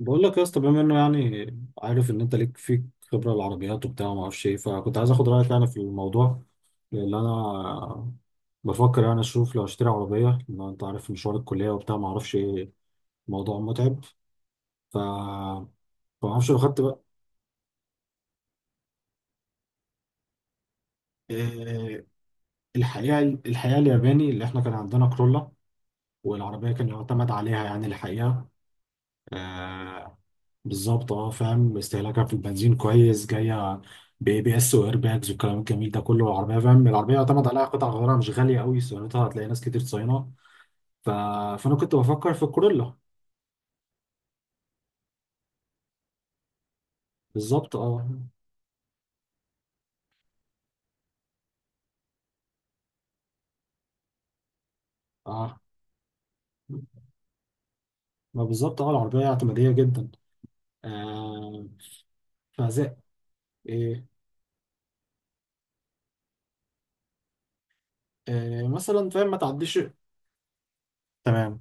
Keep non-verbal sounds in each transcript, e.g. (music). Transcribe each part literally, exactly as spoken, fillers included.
بقول لك يا اسطى، بما انه يعني عارف ان انت ليك فيك خبره العربيات وبتاع وما اعرفش ايه، فكنت عايز اخد رايك يعني في الموضوع، لان انا بفكر يعني اشوف لو اشتري عربيه. لان انت عارف مشوار الكليه وبتاع ما اعرفش ايه، الموضوع متعب. ف ما اعرفش لو خدت بقى إيه. الحقيقه الحقيقه الياباني اللي احنا كان عندنا كرولا، والعربيه كان يعتمد عليها يعني الحقيقه. آه، بالظبط. اه فاهم، استهلاكها في البنزين كويس، جايه باي بي اس واير باجز والكلام الجميل ده كله. العربيه فاهم، العربيه يعتمد عليها، قطع غيارها مش غاليه قوي، صيانتها هتلاقي ناس كتير صاينه. ف... فانا كنت بفكر في الكورولا. بالظبط اه. اه ما بالظبط اه، العربيه اعتماديه جدا. آه. فزي إيه. إيه مثلا فاهم، ما تعديش. تمام.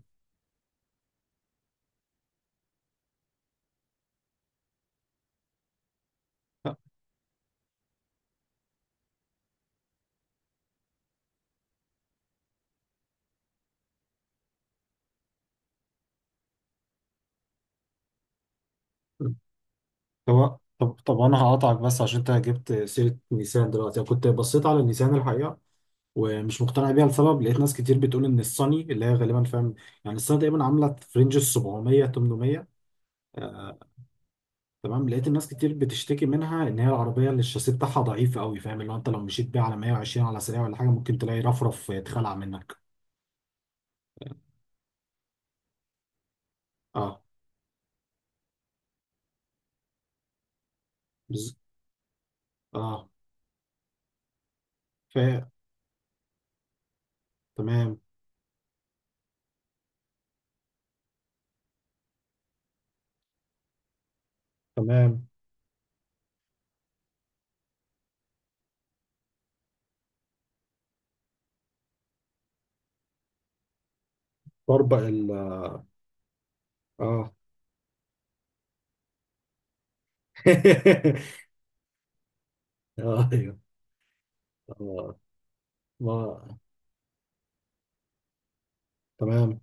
طب طب طب انا هقطعك بس عشان انت جبت سيره نيسان دلوقتي. انا كنت بصيت على نيسان الحقيقه، ومش مقتنع بيها لسبب. لقيت ناس كتير بتقول ان الصني، اللي هي غالبا فاهم يعني الصني، تقريبا عامله في رينج ال سبعمية تمنمية. تمام. لقيت الناس كتير بتشتكي منها ان هي العربيه، اللي الشاسيه بتاعها ضعيف قوي، فاهم اللي هو انت لو مشيت بيها على مية وعشرين على سريع ولا حاجه ممكن تلاقي رفرف يتخلع منك. اه بز... اه ف تمام. تمام بربق ال اه. (laughs) ايوه اه ما تمام.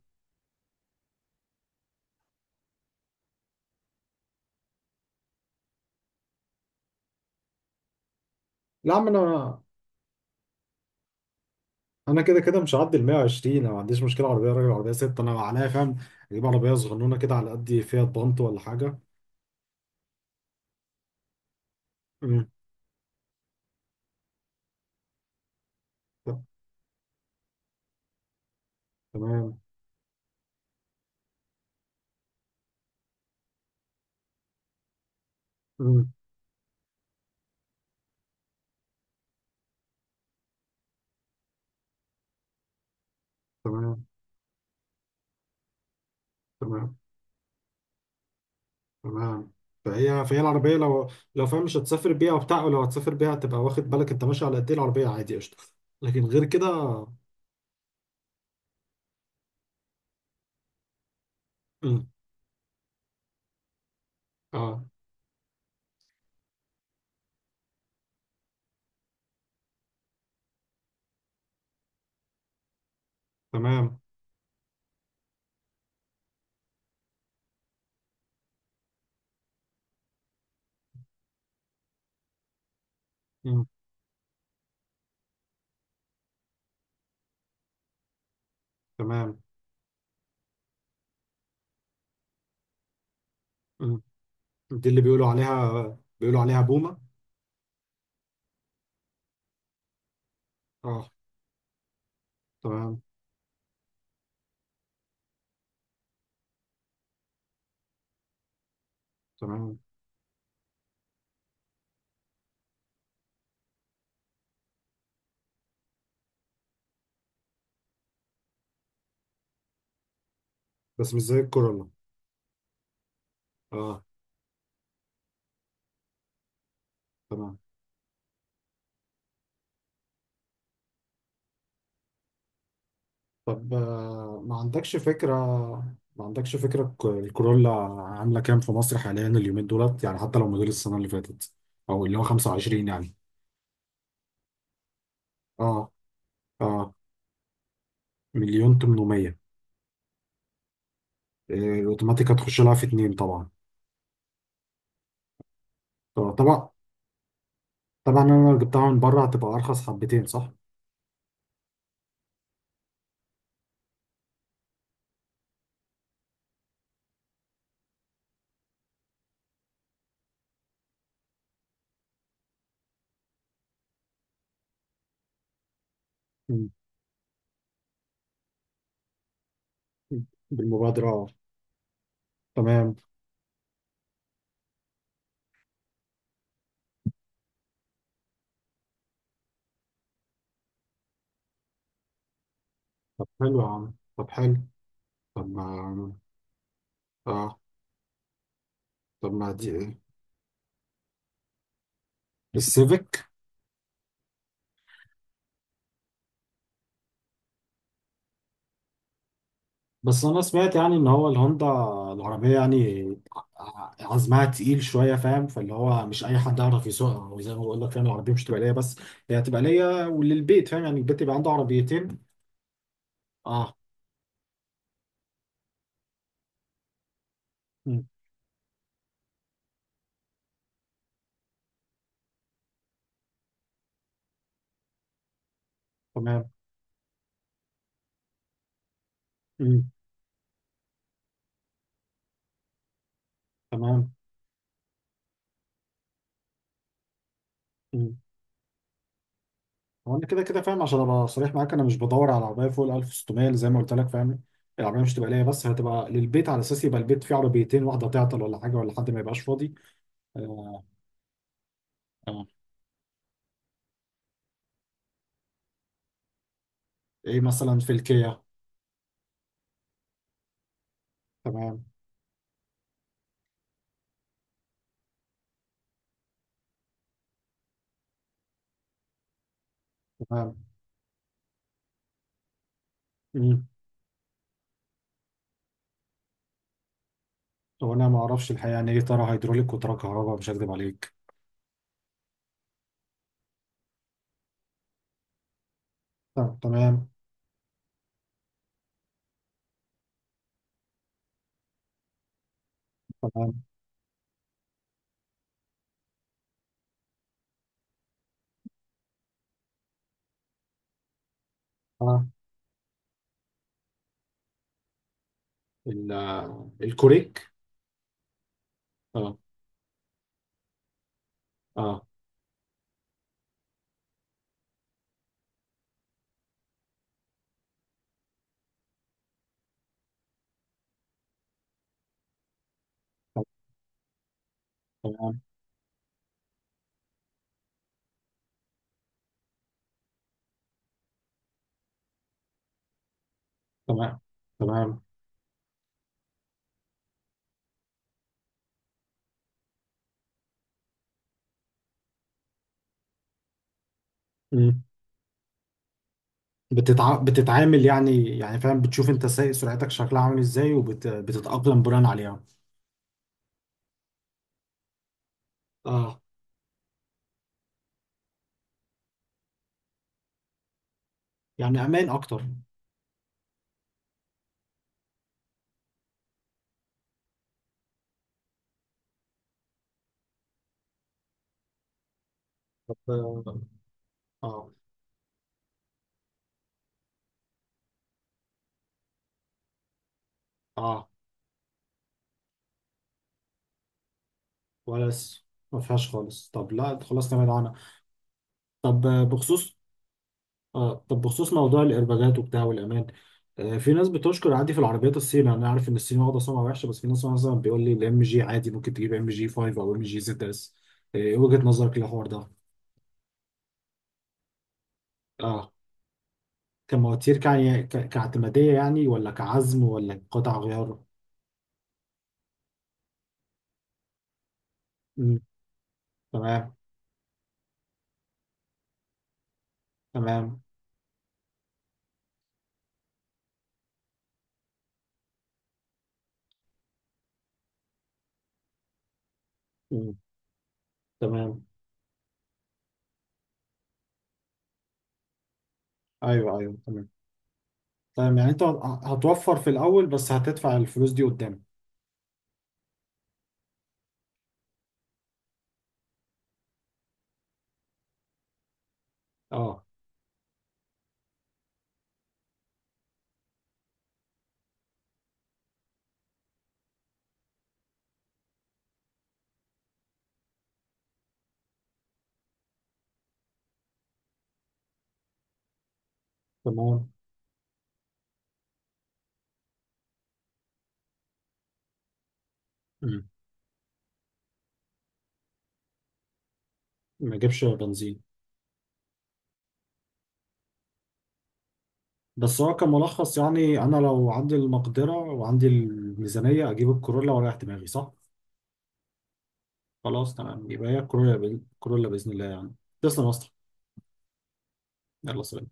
لا يا عم، انا انا كده كده مش هعدي ال مائة وعشرين. انا ما عنديش مشكله عربيه راجل عربيه ست، انا عليا فاهم اجيب عربيه صغنونه كده على قد فيها بانت ولا حاجه. أمم. ت- تمام. أمم، تمام. تمام. تمام فهي فهي العربيه لو لو فاهم مش هتسافر بيها وبتاع، ولو هتسافر بيها هتبقى واخد بالك انت ماشي على قد ايه العربيه، عادي قشطه. لكن غير كده. أمم. اه تمام. أمم. تمام. أمم. دي اللي بيقولوا عليها بيقولوا عليها بومه. اه تمام. تمام بس مش زي الكورولا. اه تمام. طب آه، ما عندكش فكرة. ما عندكش فكرة الك- الكورولا عاملة كام في مصر حاليا اليومين دولت يعني؟ حتى لو موديل السنة اللي فاتت أو اللي هو خمسة وعشرين يعني. اه. اه مليون تمنمية. آه، الأوتوماتيك هتخش لها في اتنين طبعا. طب- طبعا. طبعا أنا لو جبتها من بره هتبقى أرخص حبتين، صح؟ مم. بالمبادرة اه. تمام. طب حلو يا عم، طب حلو. طب ما اه طب ما دي آه، السيفيك. بس انا سمعت يعني ان هو الهوندا العربيه يعني ع- عزمها تقيل شويه فاهم، فاللي هو مش اي حد يعرف يسوقها، وزي ما بقول لك فاهم العربيه مش تبقى ليا بس، هي هتبقى ليا وللبيت فاهم، يعني البيت يبقى عنده عربيتين. اه. مم. تمام. مم. تمام. مم. هو انا كده كده فاهم، عشان ابقى صريح معاك انا مش بدور على عربيه فوق ال ألف وستمائة. زي ما قلت لك فاهم، العربيه مش تبقى ليا بس، هتبقى للبيت على اساس يبقى البيت فيه عربيتين، واحده تعطل ولا حاجه ولا حد ما يبقاش فاضي. آه. آه. ايه مثلا في الكيا؟ تمام. تمام. مم. هو انا ما اعرفش الحقيقه يعني ايه ترى هيدروليك وترى كهرباء، مش هكذب عليك. طب تمام. تمام. اه ال- آه، الكوريك. اه. اه طب تمام. تمام. تمام. مم. بتتع... بتتعامل يعني، يعني فاهم بتشوف انت سايق سرعتك شكلها عامل ازاي وبتتأقلم بناء عليها. اه. يعني امان اكتر. طب اه. اه آه. ولا س- ما فيهاش خالص. طب لا خلاص نبعد عنها. طب آه، بخصوص. اه طب بخصوص موضوع الإيرباجات وبتاع والأمان. آه، في ناس بتشكر عادي في العربيات الصين. أنا عارف إن الصين واخدة سمعة وحشة، بس في ناس مثلا بيقول لي الإم جي عادي، ممكن تجيب إم جي خمسة أو إم جي زد إس. آه، إيه وجهة نظرك للحوار ده؟ اه كمواتير كع... ك... كاعتمادية يعني، ولا كعزم ولا قطع غيار؟ مم. تمام. تمام. مم. تمام. أيوه أيوه تمام. تمام يعني أنت هتوفر في الأول بس هتدفع الفلوس دي قدام. اه تمام. مم. ما يجيبش بنزين. بس هو كملخص يعني انا لو عندي المقدره وعندي الميزانيه اجيب الكورولا واريح دماغي، صح؟ خلاص تمام، يبقى هي الكورولا. الكورولا باذن الله يعني. تسلم يا اسطى. يلا سلام.